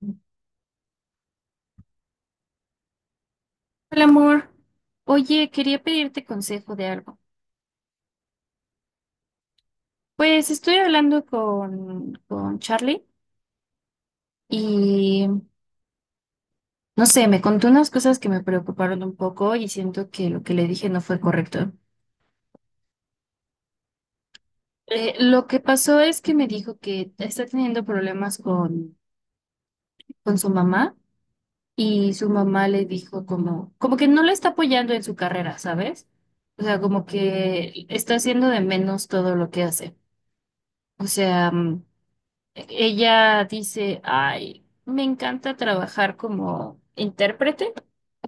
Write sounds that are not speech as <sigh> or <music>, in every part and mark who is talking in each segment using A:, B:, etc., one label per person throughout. A: Hola, amor. Oye, quería pedirte consejo de algo. Pues estoy hablando con Charlie y no sé, me contó unas cosas que me preocuparon un poco y siento que lo que le dije no fue correcto. Lo que pasó es que me dijo que está teniendo problemas con, su mamá y su mamá le dijo como que no le está apoyando en su carrera, ¿sabes? O sea, como que está haciendo de menos todo lo que hace. O sea, ella dice, ay, me encanta trabajar como intérprete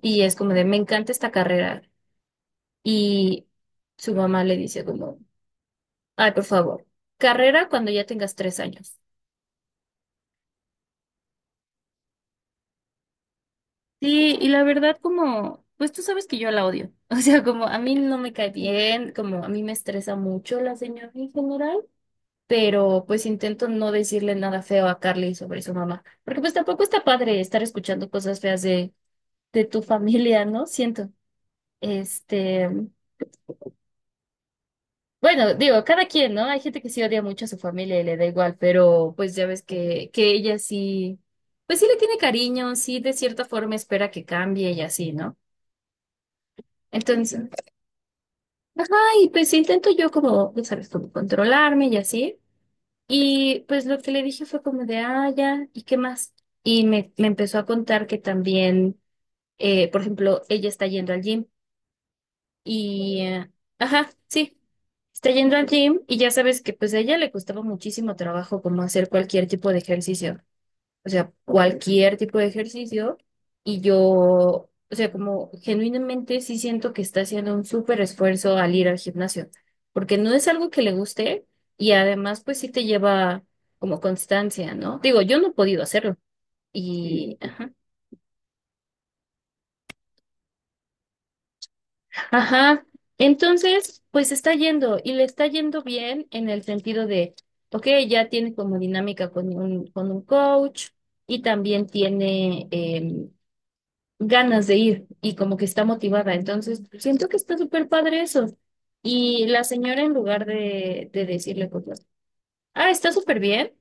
A: y es como de, me encanta esta carrera. Y su mamá le dice como, ay, por favor, carrera cuando ya tengas 3 años. Sí, y la verdad como, pues tú sabes que yo la odio. <laughs> O sea, como a mí no me cae bien, como a mí me estresa mucho la señora en general, pero pues intento no decirle nada feo a Carly sobre su mamá, porque pues tampoco está padre estar escuchando cosas feas de tu familia, ¿no? Siento. Este, bueno, digo, cada quien, ¿no? Hay gente que sí odia mucho a su familia y le da igual, pero pues ya ves que ella sí, pues sí le tiene cariño, sí de cierta forma espera que cambie y así, ¿no? Entonces, ajá, y pues intento yo como, ya sabes, como controlarme y así. Y pues lo que le dije fue como de, ah, ya, ¿y qué más? Y me empezó a contar que también, por ejemplo, ella está yendo al gym. Y, eh, ajá, sí, está yendo al gym y ya sabes que pues a ella le costaba muchísimo trabajo como hacer cualquier tipo de ejercicio, o sea, cualquier tipo de ejercicio. Y yo, o sea, como genuinamente sí siento que está haciendo un súper esfuerzo al ir al gimnasio, porque no es algo que le guste y además pues sí te lleva como constancia, ¿no? Digo, yo no he podido hacerlo. Sí. Ajá. Ajá. Entonces, pues está yendo y le está yendo bien en el sentido de, ok, ya tiene como dinámica con un coach y también tiene ganas de ir y como que está motivada. Entonces, siento que está súper padre eso. Y la señora en lugar de decirle cosas, ah, está súper bien,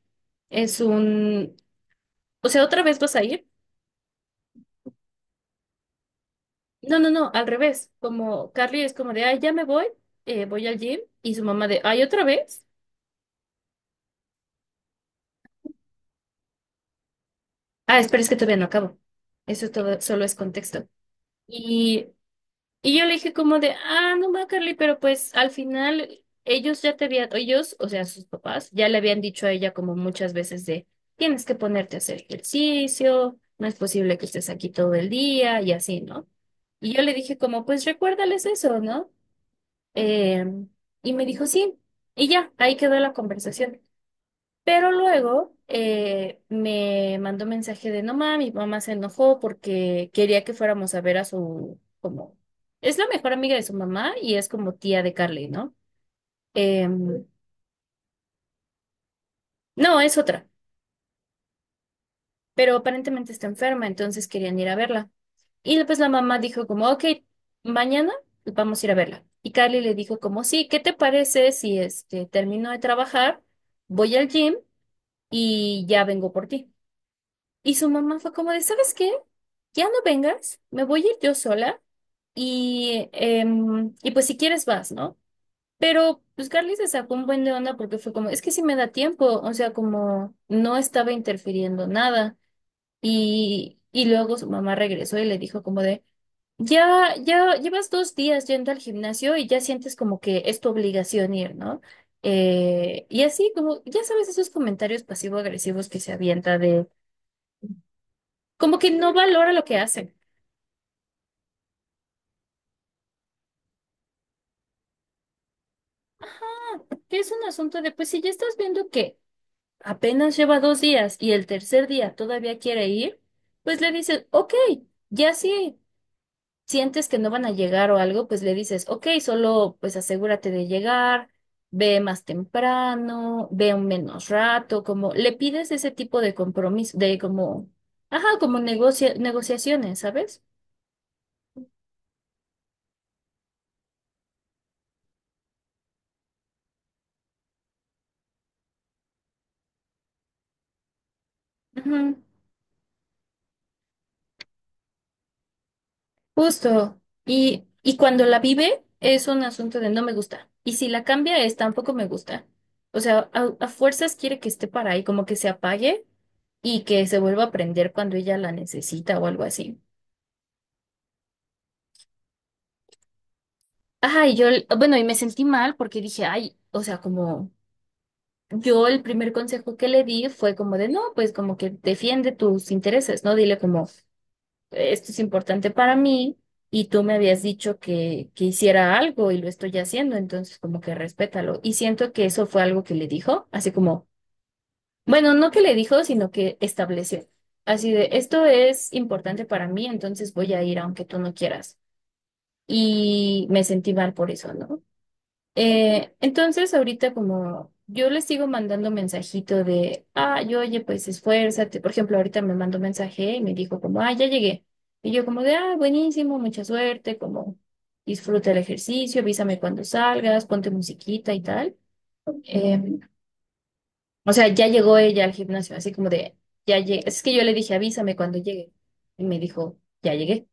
A: es un, o sea, otra vez vas a ir. No, no, no, al revés, como Carly es como de, ay, ya me voy, voy al gym y su mamá de, ay, otra vez. Ah, espera, es que todavía no acabo. Eso todo solo es contexto. Y, y yo le dije como de, ah, no va, Carly, pero pues al final ellos ya te habían, ellos, o sea, sus papás, ya le habían dicho a ella como muchas veces de, tienes que ponerte a hacer ejercicio, no es posible que estés aquí todo el día y así, ¿no? Y yo le dije como, pues recuérdales eso, ¿no? Em, y me dijo, sí. Y ya, ahí quedó la conversación. Pero luego me mandó mensaje de no mami, mi mamá se enojó porque quería que fuéramos a ver a su, como, es la mejor amiga de su mamá y es como tía de Carly, ¿no? Em, no, es otra, pero aparentemente está enferma, entonces querían ir a verla. Y después la mamá dijo como, ok, mañana vamos a ir a verla. Y Carly le dijo como, sí, ¿qué te parece si termino de trabajar, voy al gym y ya vengo por ti? Y su mamá fue como de, ¿sabes qué? Ya no vengas, me voy a ir yo sola y, y pues si quieres vas, ¿no? Pero pues Carly se sacó un buen de onda porque fue como, es que si me da tiempo, o sea, como no estaba interfiriendo nada. Y luego su mamá regresó y le dijo como de, ya, ya llevas 2 días yendo al gimnasio y ya sientes como que es tu obligación ir, ¿no? Y así como, ya sabes, esos comentarios pasivo-agresivos que se avienta de, como que no valora lo que hace. Que es un asunto de, pues si ya estás viendo que apenas lleva 2 días y el tercer día todavía quiere ir, pues le dices, ok, ya si sientes que no van a llegar o algo, pues le dices, ok, solo pues asegúrate de llegar, ve más temprano, ve un menos rato, como le pides ese tipo de compromiso, de como, ajá, como negociaciones, ¿sabes? Ujú. Justo. Y cuando la vive es un asunto de no me gusta. Y si la cambia es tampoco me gusta. O sea, a, fuerzas quiere que esté para ahí, como que se apague y que se vuelva a prender cuando ella la necesita o algo así. Ajá, y yo, bueno, y me sentí mal porque dije, ay, o sea, como yo el primer consejo que le di fue como de, no, pues como que defiende tus intereses, ¿no? Dile como, esto es importante para mí y tú me habías dicho que hiciera algo y lo estoy haciendo, entonces como que respétalo. Y siento que eso fue algo que le dijo, así como, bueno, no que le dijo, sino que estableció. Así de, esto es importante para mí, entonces voy a ir aunque tú no quieras. Y me sentí mal por eso, ¿no? Entonces, ahorita como yo les sigo mandando mensajito de, ah, yo, oye, pues esfuérzate. Por ejemplo, ahorita me mandó mensaje y me dijo como, ah, ya llegué. Y yo como de, ah, buenísimo, mucha suerte, como disfruta el ejercicio, avísame cuando salgas, ponte musiquita y tal. Eh, o sea, ya llegó ella al gimnasio, así como de, ya llegué. Es que yo le dije, avísame cuando llegue. Y me dijo, ya llegué.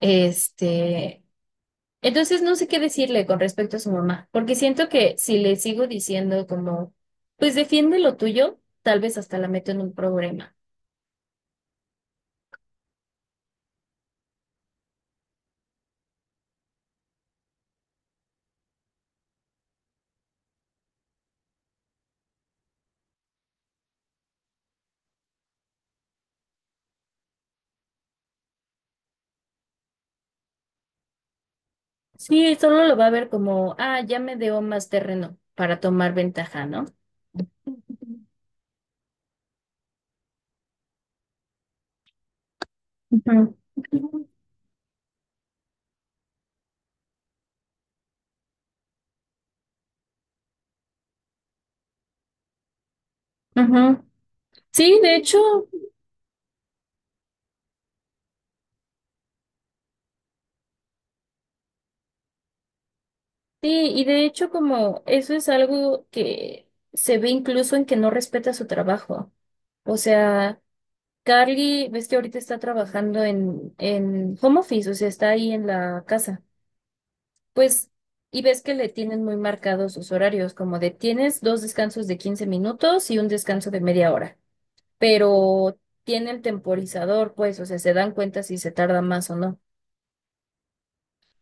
A: Este, entonces no sé qué decirle con respecto a su mamá, porque siento que si le sigo diciendo como, pues defiende lo tuyo, tal vez hasta la meto en un problema. Sí, solo lo va a ver como, ah, ya me dio más terreno para tomar ventaja, ¿no? Ujú. Ujú. Sí, de hecho, sí, y de hecho como eso es algo que se ve incluso en que no respeta su trabajo. O sea, Carly, ves que ahorita está trabajando en home office, o sea, está ahí en la casa. Pues, y ves que le tienen muy marcados sus horarios, como de tienes dos descansos de 15 minutos y un descanso de media hora, pero tienen temporizador, pues, o sea, se dan cuenta si se tarda más o no.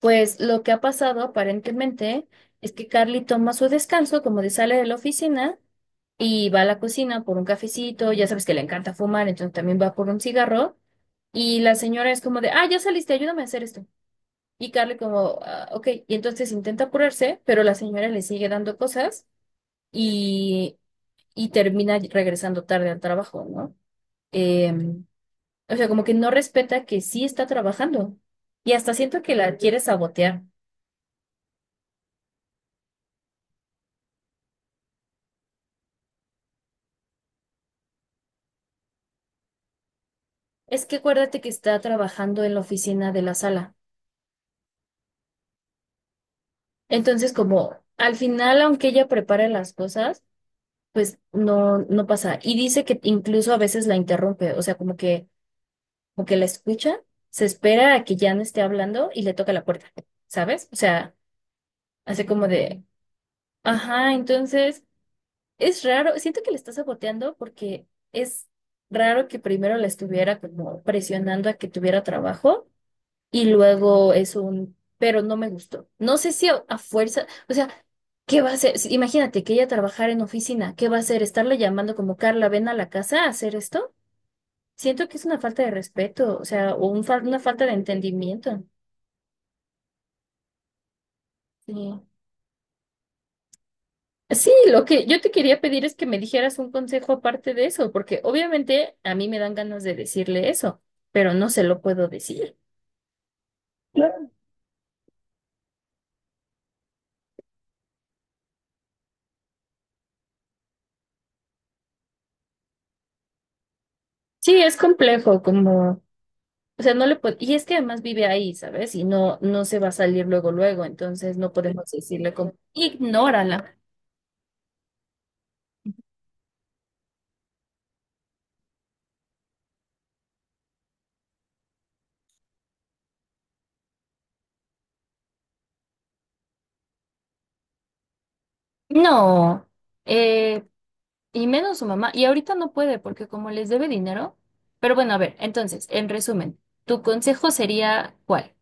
A: Pues lo que ha pasado aparentemente es que Carly toma su descanso, como de sale de la oficina y va a la cocina por un cafecito, ya sabes que le encanta fumar, entonces también va por un cigarro, y la señora es como de, ah, ya saliste, ayúdame a hacer esto. Y Carly como, "Ah, ok, y entonces intenta apurarse, pero la señora le sigue dando cosas y, y termina regresando tarde al trabajo, ¿no? Em, o sea, como que no respeta que sí está trabajando y hasta siento que la quiere sabotear. Es que acuérdate que está trabajando en la oficina de la sala. Entonces, como al final, aunque ella prepare las cosas, pues no, no pasa. Y dice que incluso a veces la interrumpe, o sea, como que o que la escucha, se espera a que ya no esté hablando y le toca la puerta, ¿sabes? O sea, hace como de, ajá, entonces es raro, siento que le está saboteando porque es raro que primero la estuviera como presionando a que tuviera trabajo y luego es un, pero no me gustó. No sé si a, fuerza, o sea, ¿qué va a hacer? Si- Imagínate que ella trabajara en oficina, ¿qué va a hacer? ¿Estarle llamando como Carla, ven a la casa a hacer esto? Siento que es una falta de respeto, o sea, o una falta de entendimiento. Sí, sí, lo que yo te quería pedir es que me dijeras un consejo aparte de eso, porque obviamente a mí me dan ganas de decirle eso, pero no se lo puedo decir. Claro. Sí, es complejo, como, o sea, no le puedo, y es que además vive ahí, ¿sabes? Y no, no se va a salir luego, luego, entonces no podemos decirle como, ignórala. No, eh, y menos su mamá, y ahorita no puede porque como les debe dinero, pero bueno, a ver, entonces, en resumen, ¿tu consejo sería cuál?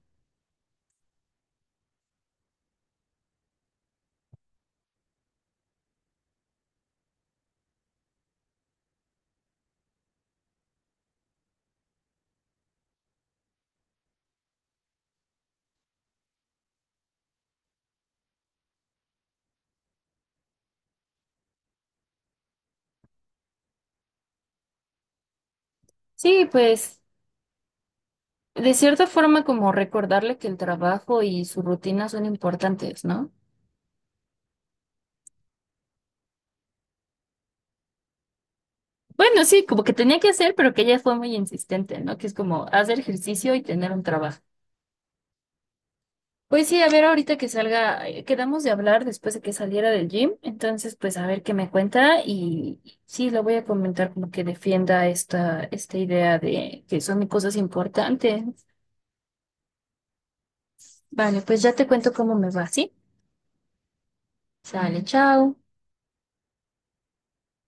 A: Sí, pues. De cierta forma, como recordarle que el trabajo y su rutina son importantes, ¿no? Bueno, sí, como que tenía que hacer, pero que ella fue muy insistente, ¿no? Que es como hacer ejercicio y tener un trabajo. Pues sí, a ver, ahorita que salga, quedamos de hablar después de que saliera del gym, entonces pues a ver qué me cuenta y sí, lo voy a comentar como que defienda esta, esta idea de que son cosas importantes. Vale, pues ya te cuento cómo me va, ¿sí? Sale, chao.